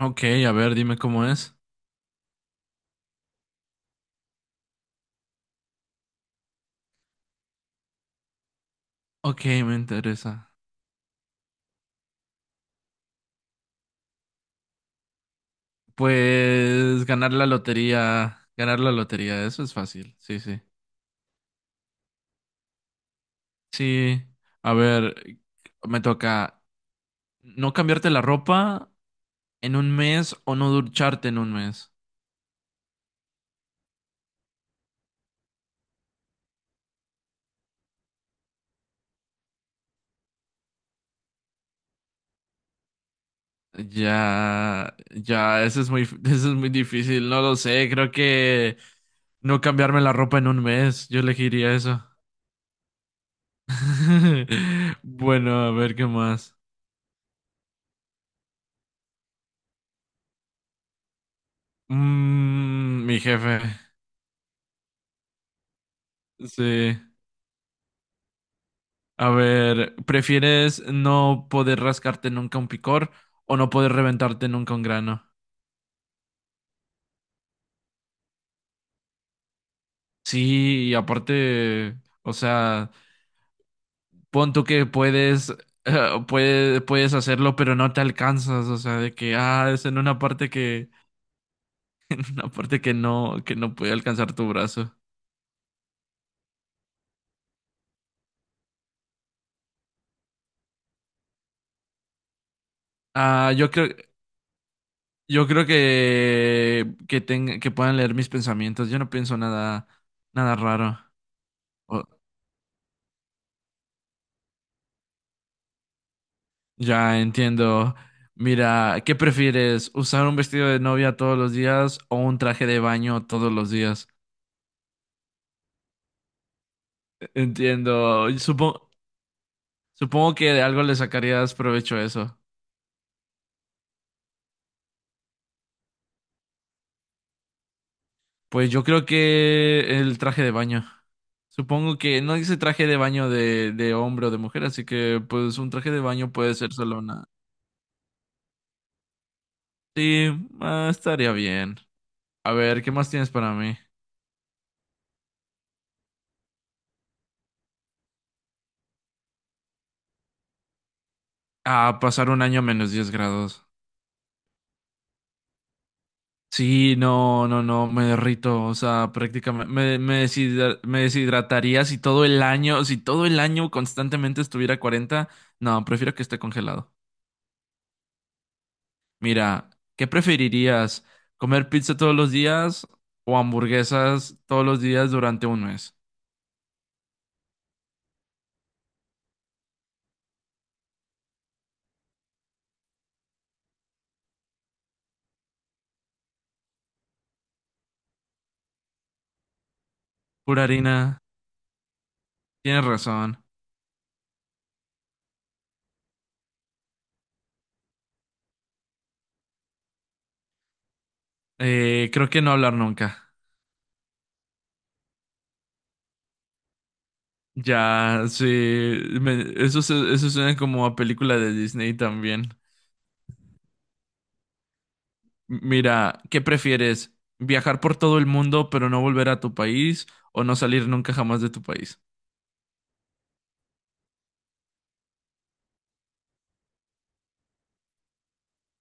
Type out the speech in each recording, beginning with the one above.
Ok, a ver, dime cómo es. Ok, me interesa. Pues ganar la lotería, eso es fácil, sí, sí. Sí, a ver, me toca no cambiarte la ropa en un mes o no ducharte en un mes. Ya, ya, eso es muy difícil, no lo sé, creo que no cambiarme la ropa en un mes, yo elegiría eso. Bueno, a ver qué más. Mm, mi jefe. Sí. A ver, ¿prefieres no poder rascarte nunca un picor o no poder reventarte nunca un grano? Sí, y aparte, o sea, pon tú que puedes, puedes hacerlo, pero no te alcanzas, o sea, de que, ah, es en una parte que, una parte que no puede alcanzar tu brazo. Ah, yo creo, yo creo que puedan leer mis pensamientos, yo no pienso nada, nada raro. Ya entiendo. Mira, ¿qué prefieres? ¿Usar un vestido de novia todos los días o un traje de baño todos los días? Entiendo. Y supongo que de algo le sacarías provecho a eso. Pues yo creo que el traje de baño. Supongo que no dice traje de baño de hombre o de mujer, así que pues un traje de baño puede ser solo una. Sí, estaría bien. A ver, ¿qué más tienes para mí? Ah, pasar un año a -10 grados. Sí, no, no, no, me derrito, o sea, prácticamente me deshidrataría si todo el año constantemente estuviera a 40, no, prefiero que esté congelado. Mira, ¿qué preferirías? ¿Comer pizza todos los días o hamburguesas todos los días durante un mes? Pura harina, tienes razón. Creo que no hablar nunca. Ya, sí, eso suena como a película de Disney también. Mira, ¿qué prefieres? ¿Viajar por todo el mundo pero no volver a tu país o no salir nunca jamás de tu país?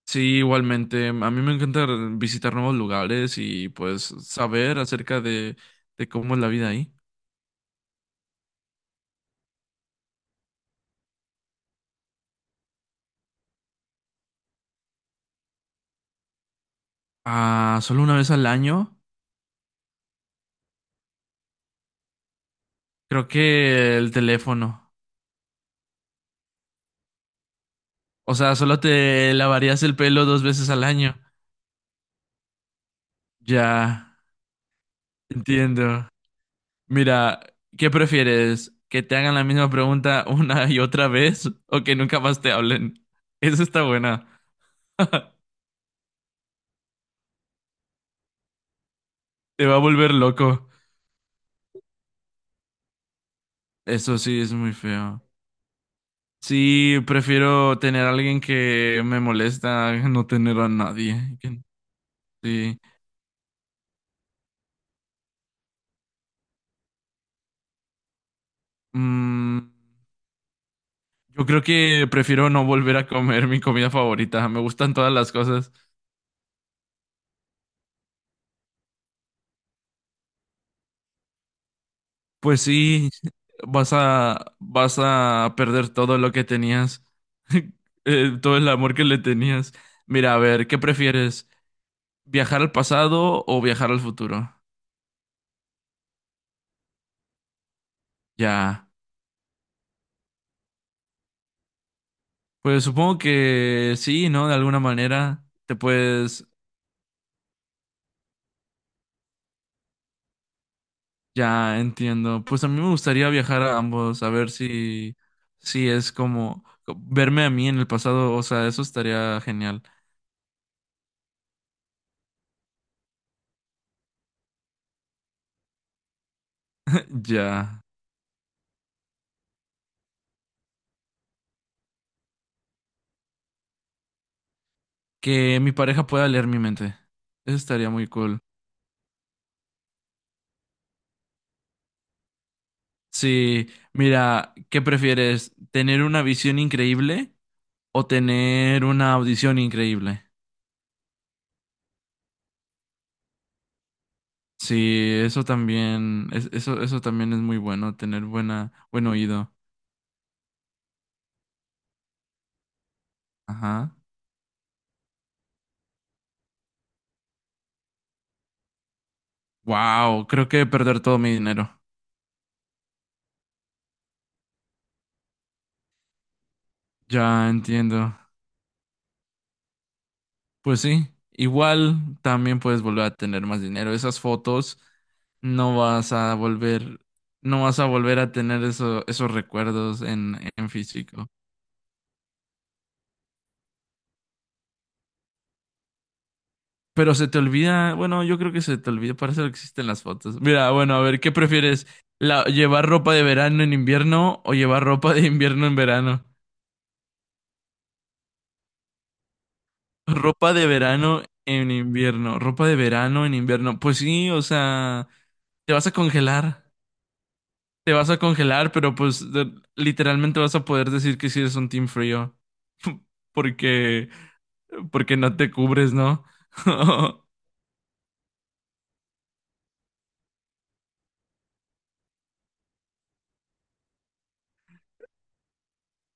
Sí, igualmente. A mí me encanta visitar nuevos lugares y pues saber acerca de cómo es la vida ahí. Ah, solo una vez al año. Creo que el teléfono. O sea, solo te lavarías el pelo dos veces al año. Ya, entiendo. Mira, ¿qué prefieres? ¿Que te hagan la misma pregunta una y otra vez o que nunca más te hablen? Eso está buena. Te va a volver loco. Eso sí es muy feo. Sí, prefiero tener a alguien que me molesta a no tener a nadie. Que- Sí. Mm, yo creo que prefiero no volver a comer mi comida favorita. Me gustan todas las cosas. Pues sí, vas a perder todo lo que tenías. Todo el amor que le tenías. Mira, a ver, ¿qué prefieres? ¿Viajar al pasado o viajar al futuro? Ya, pues supongo que sí, ¿no? De alguna manera te puedes, ya entiendo. Pues a mí me gustaría viajar a ambos, a ver si es como verme a mí en el pasado, o sea, eso estaría genial. Ya, que mi pareja pueda leer mi mente, eso estaría muy cool. Sí, mira, ¿qué prefieres? ¿Tener una visión increíble o tener una audición increíble? Sí, eso también, eso también es muy bueno, tener buen oído. Ajá. Wow, creo que perder todo mi dinero. Ya entiendo. Pues sí, igual también puedes volver a tener más dinero. Esas fotos no vas a volver, no vas a volver a tener esos recuerdos en físico. Pero se te olvida, bueno, yo creo que se te olvida, para eso existen las fotos. Mira, bueno, a ver, ¿qué prefieres? ¿Llevar ropa de verano en invierno o llevar ropa de invierno en verano? Ropa de verano en invierno, ropa de verano en invierno. Pues sí, o sea, te vas a congelar, te vas a congelar, pero pues literalmente vas a poder decir que sí eres un team frío, porque, porque no te cubres, ¿no?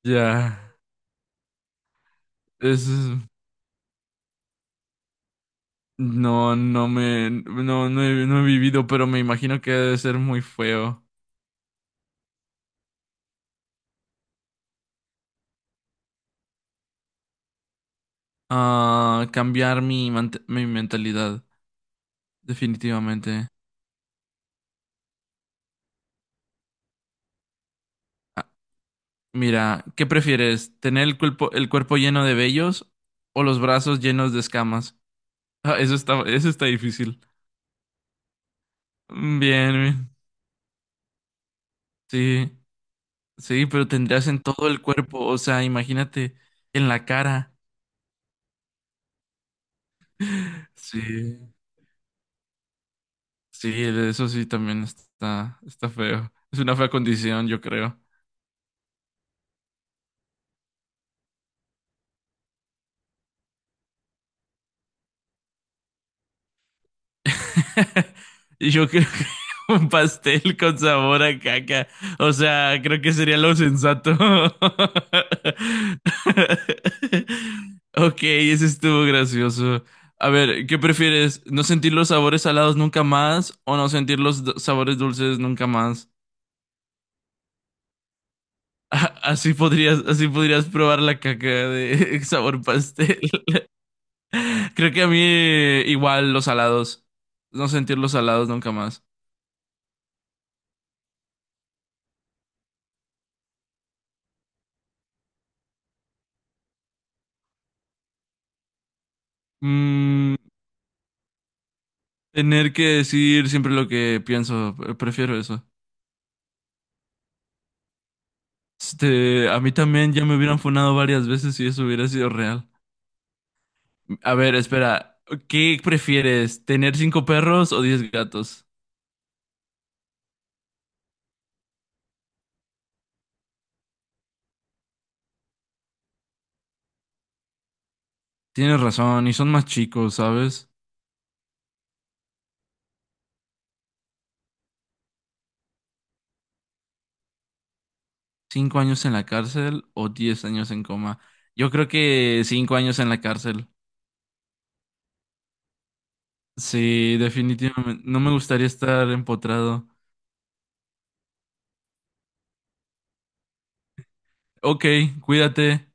Ya, eso es... No, no me, no, no he, no he vivido, pero me imagino que debe ser muy feo. Ah, cambiar mi mentalidad, definitivamente. Ah, mira, ¿qué prefieres? ¿Tener el cuerpo lleno de vellos o los brazos llenos de escamas? Ah, eso está difícil. Mm, bien, bien. Sí, sí, pero tendrías en todo el cuerpo, o sea, imagínate en la cara. Sí, sí, eso sí también está feo. Es una fea condición, yo creo. Yo creo que un pastel con sabor a caca. O sea, creo que sería lo sensato. Ok, ese estuvo gracioso. A ver, ¿qué prefieres? ¿No sentir los sabores salados nunca más o no sentir los sabores dulces nunca más? Así podrías probar la caca de sabor pastel. Creo que a mí igual los salados. No sentir los salados nunca más. Mm. Tener que decir siempre lo que pienso, prefiero eso. Este, a mí también ya me hubieran funado varias veces si eso hubiera sido real. A ver, espera, ¿qué prefieres? ¿Tener cinco perros o diez gatos? Tienes razón, y son más chicos, ¿sabes? ¿Cinco años en la cárcel o 10 años en coma? Yo creo que 5 años en la cárcel. Sí, definitivamente. No me gustaría estar empotrado. Ok, cuídate.